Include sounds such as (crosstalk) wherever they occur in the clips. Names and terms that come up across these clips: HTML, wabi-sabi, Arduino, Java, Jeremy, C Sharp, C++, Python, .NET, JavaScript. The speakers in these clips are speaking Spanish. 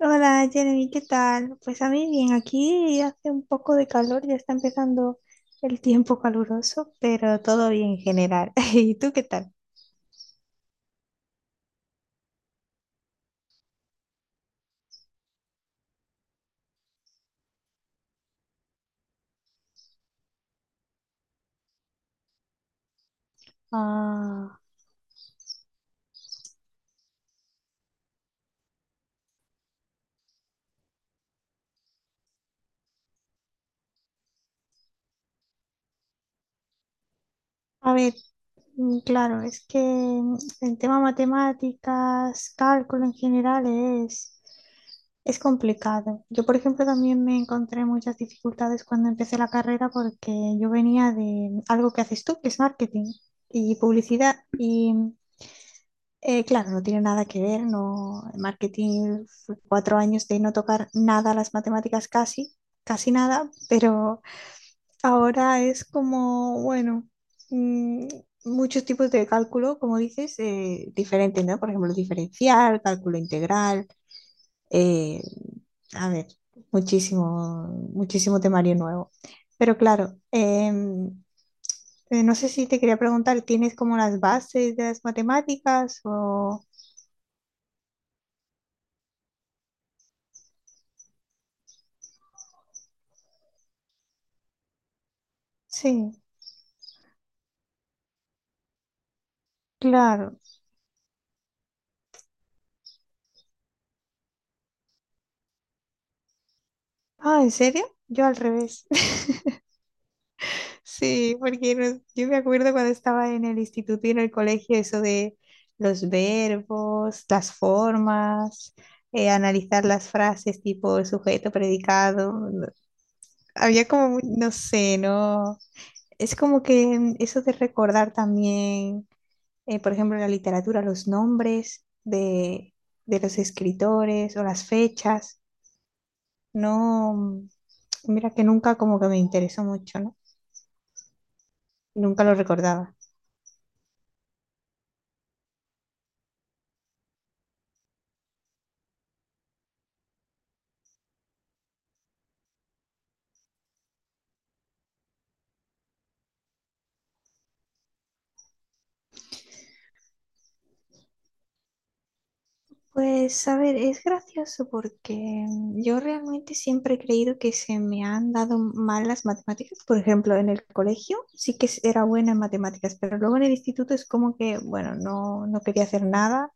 Hola Jeremy, ¿qué tal? Pues a mí bien, aquí hace un poco de calor, ya está empezando el tiempo caluroso, pero todo bien en general. (laughs) ¿Y tú qué tal? Ah. A ver, claro, es que el tema matemáticas, cálculo en general es, es complicado. Yo, por ejemplo, también me encontré muchas dificultades cuando empecé la carrera porque yo venía de algo que haces tú, que es marketing y publicidad, y claro, no tiene nada que ver, no, en marketing fue cuatro años de no tocar nada las matemáticas casi, casi nada, pero ahora es como, bueno, mm, muchos tipos de cálculo, como dices, diferentes, ¿no? Por ejemplo, diferencial, cálculo integral, eh, a ver, muchísimo, muchísimo temario nuevo. Pero claro, no sé si te quería preguntar, ¿tienes como las bases de las matemáticas o...? Sí. Claro. Ah, ¿en serio? Yo al revés. (laughs) Sí, porque yo me acuerdo cuando estaba en el instituto y en el colegio, eso de los verbos, las formas, analizar las frases tipo sujeto, predicado. Había como, no sé, ¿no? Es como que eso de recordar también, por ejemplo, en la literatura, los nombres de los escritores o las fechas, ¿no? Mira que nunca como que me interesó mucho, ¿no? Nunca lo recordaba. Pues a ver, es gracioso porque yo realmente siempre he creído que se me han dado mal las matemáticas. Por ejemplo, en el colegio sí que era buena en matemáticas, pero luego en el instituto es como que, bueno, no, no quería hacer nada.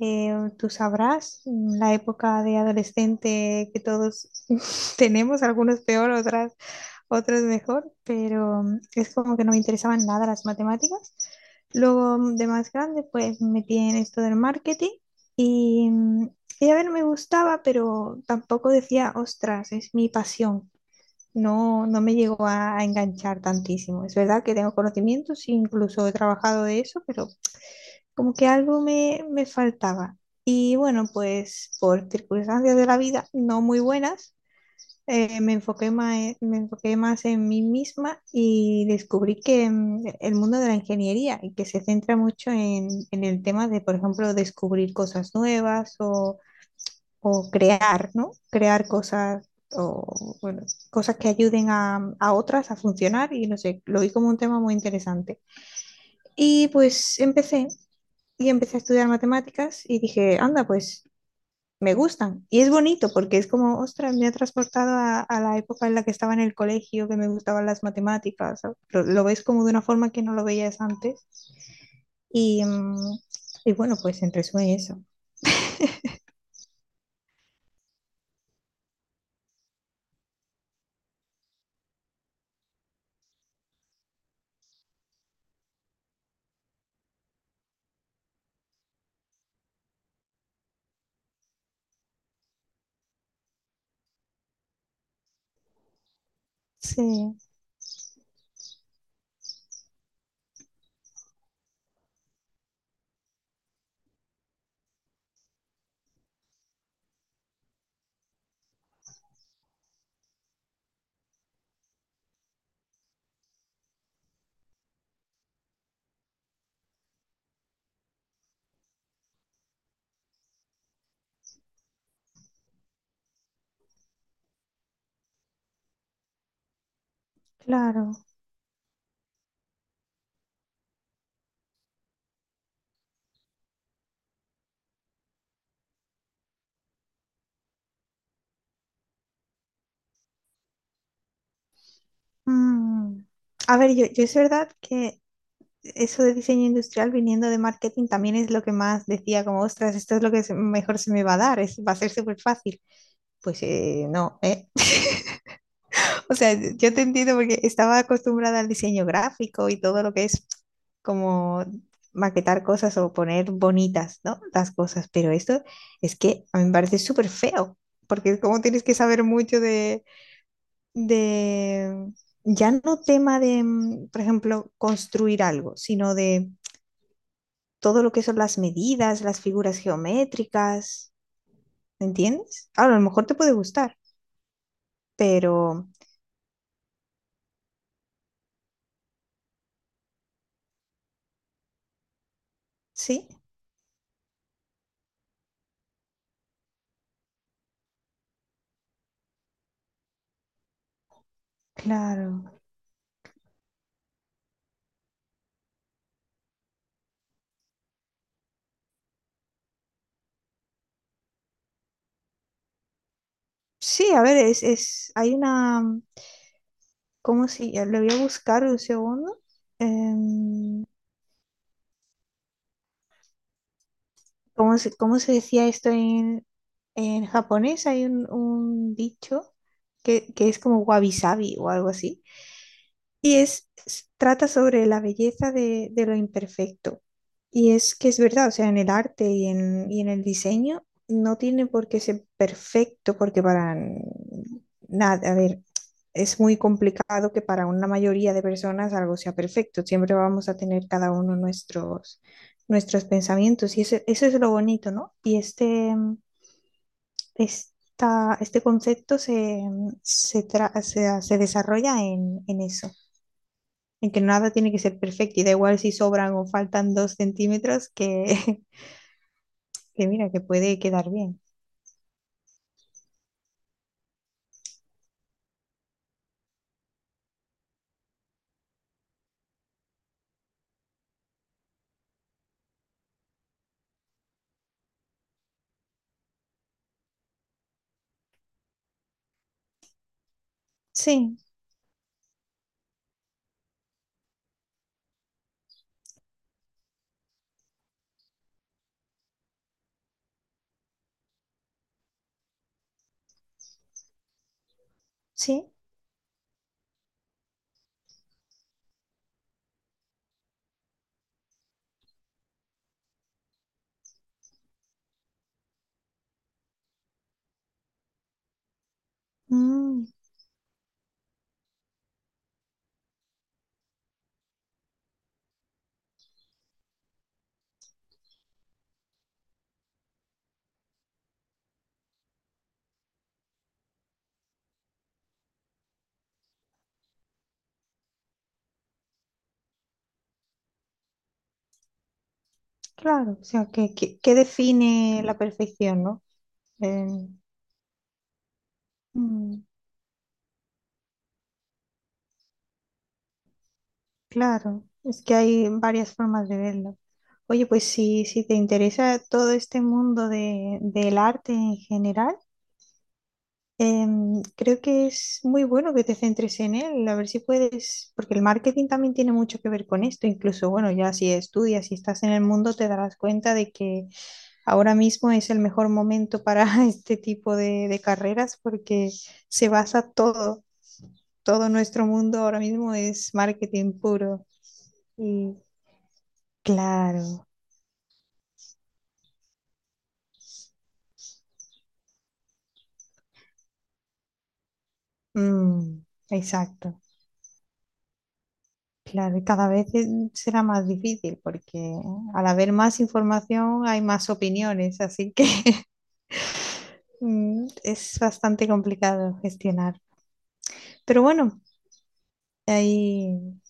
Eh, tú sabrás, la época de adolescente que todos (laughs) tenemos, algunos peor, otras, otros mejor, pero es como que no me interesaban nada las matemáticas. Luego de más grande, pues me metí en esto del marketing y, y, a ver, me gustaba, pero tampoco decía, ostras, es mi pasión. No, no me llegó a enganchar tantísimo. Es verdad que tengo conocimientos, incluso he trabajado de eso, pero como que algo me faltaba. Y bueno, pues por circunstancias de la vida no muy buenas, me enfoqué más en mí misma y descubrí que el mundo de la ingeniería y que se centra mucho en el tema de, por ejemplo, descubrir cosas nuevas o crear, ¿no? Crear cosas o, bueno, cosas que ayuden a, a otras a funcionar y no sé, lo vi como un tema muy interesante. Y pues empecé a estudiar matemáticas y dije, anda, pues me gustan. Y es bonito porque es como, ostras, me ha transportado a la época en la que estaba en el colegio, que me gustaban las matemáticas. ¿Sabes? Lo ves como de una forma que no lo veías antes. Y, y bueno, pues en resumen eso. Sí, claro. Mm. A ver, yo es verdad que eso de diseño industrial viniendo de marketing también es lo que más decía, como, ostras, esto es lo que mejor se me va a dar, es, va a ser súper fácil. Pues no, ¿eh? O sea, yo te entiendo porque estaba acostumbrada al diseño gráfico y todo lo que es como maquetar cosas o poner bonitas, ¿no? Las cosas, pero esto es que a mí me parece súper feo, porque es como tienes que saber mucho de, ya no tema de, por ejemplo, construir algo, sino de todo lo que son las medidas, las figuras geométricas, ¿me entiendes? Ahora, a lo mejor te puede gustar, pero sí, claro. Sí, a ver, es, hay una, ¿cómo si, lo voy a buscar un segundo. Em, ¿cómo se decía esto en japonés? Hay un dicho que es como wabi-sabi o algo así. Y es, trata sobre la belleza de lo imperfecto. Y es que es verdad, o sea, en el arte y en el diseño no tiene por qué ser perfecto, porque para nada, a ver, es muy complicado que para una mayoría de personas algo sea perfecto. Siempre vamos a tener cada uno nuestros, nuestros pensamientos. Y eso es lo bonito, ¿no? Y este concepto se desarrolla en eso en que nada tiene que ser perfecto y da igual si sobran o faltan dos centímetros que, (laughs) que mira, que puede quedar bien. Sí, sí, mm, claro, o sea, que define la perfección, ¿no? Eh, mm, claro, es que hay varias formas de verlo. Oye, pues si, si te interesa todo este mundo de, del arte en general, creo que es muy bueno que te centres en él, a ver si puedes, porque el marketing también tiene mucho que ver con esto, incluso, bueno, ya si estudias y estás en el mundo, te darás cuenta de que ahora mismo es el mejor momento para (laughs) este tipo de carreras porque se basa todo nuestro mundo ahora mismo es marketing puro. Y claro, mm, exacto. Claro, y cada vez será más difícil porque al haber más información hay más opiniones, así que (laughs) es bastante complicado gestionar. Pero bueno, ahí,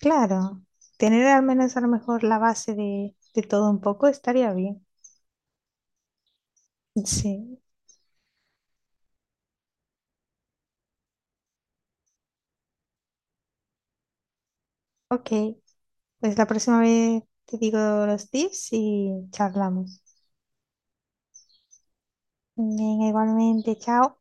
claro, tener al menos a lo mejor la base de todo un poco estaría bien. Sí, ok, pues la próxima vez te digo los tips y charlamos. Venga, igualmente, chao.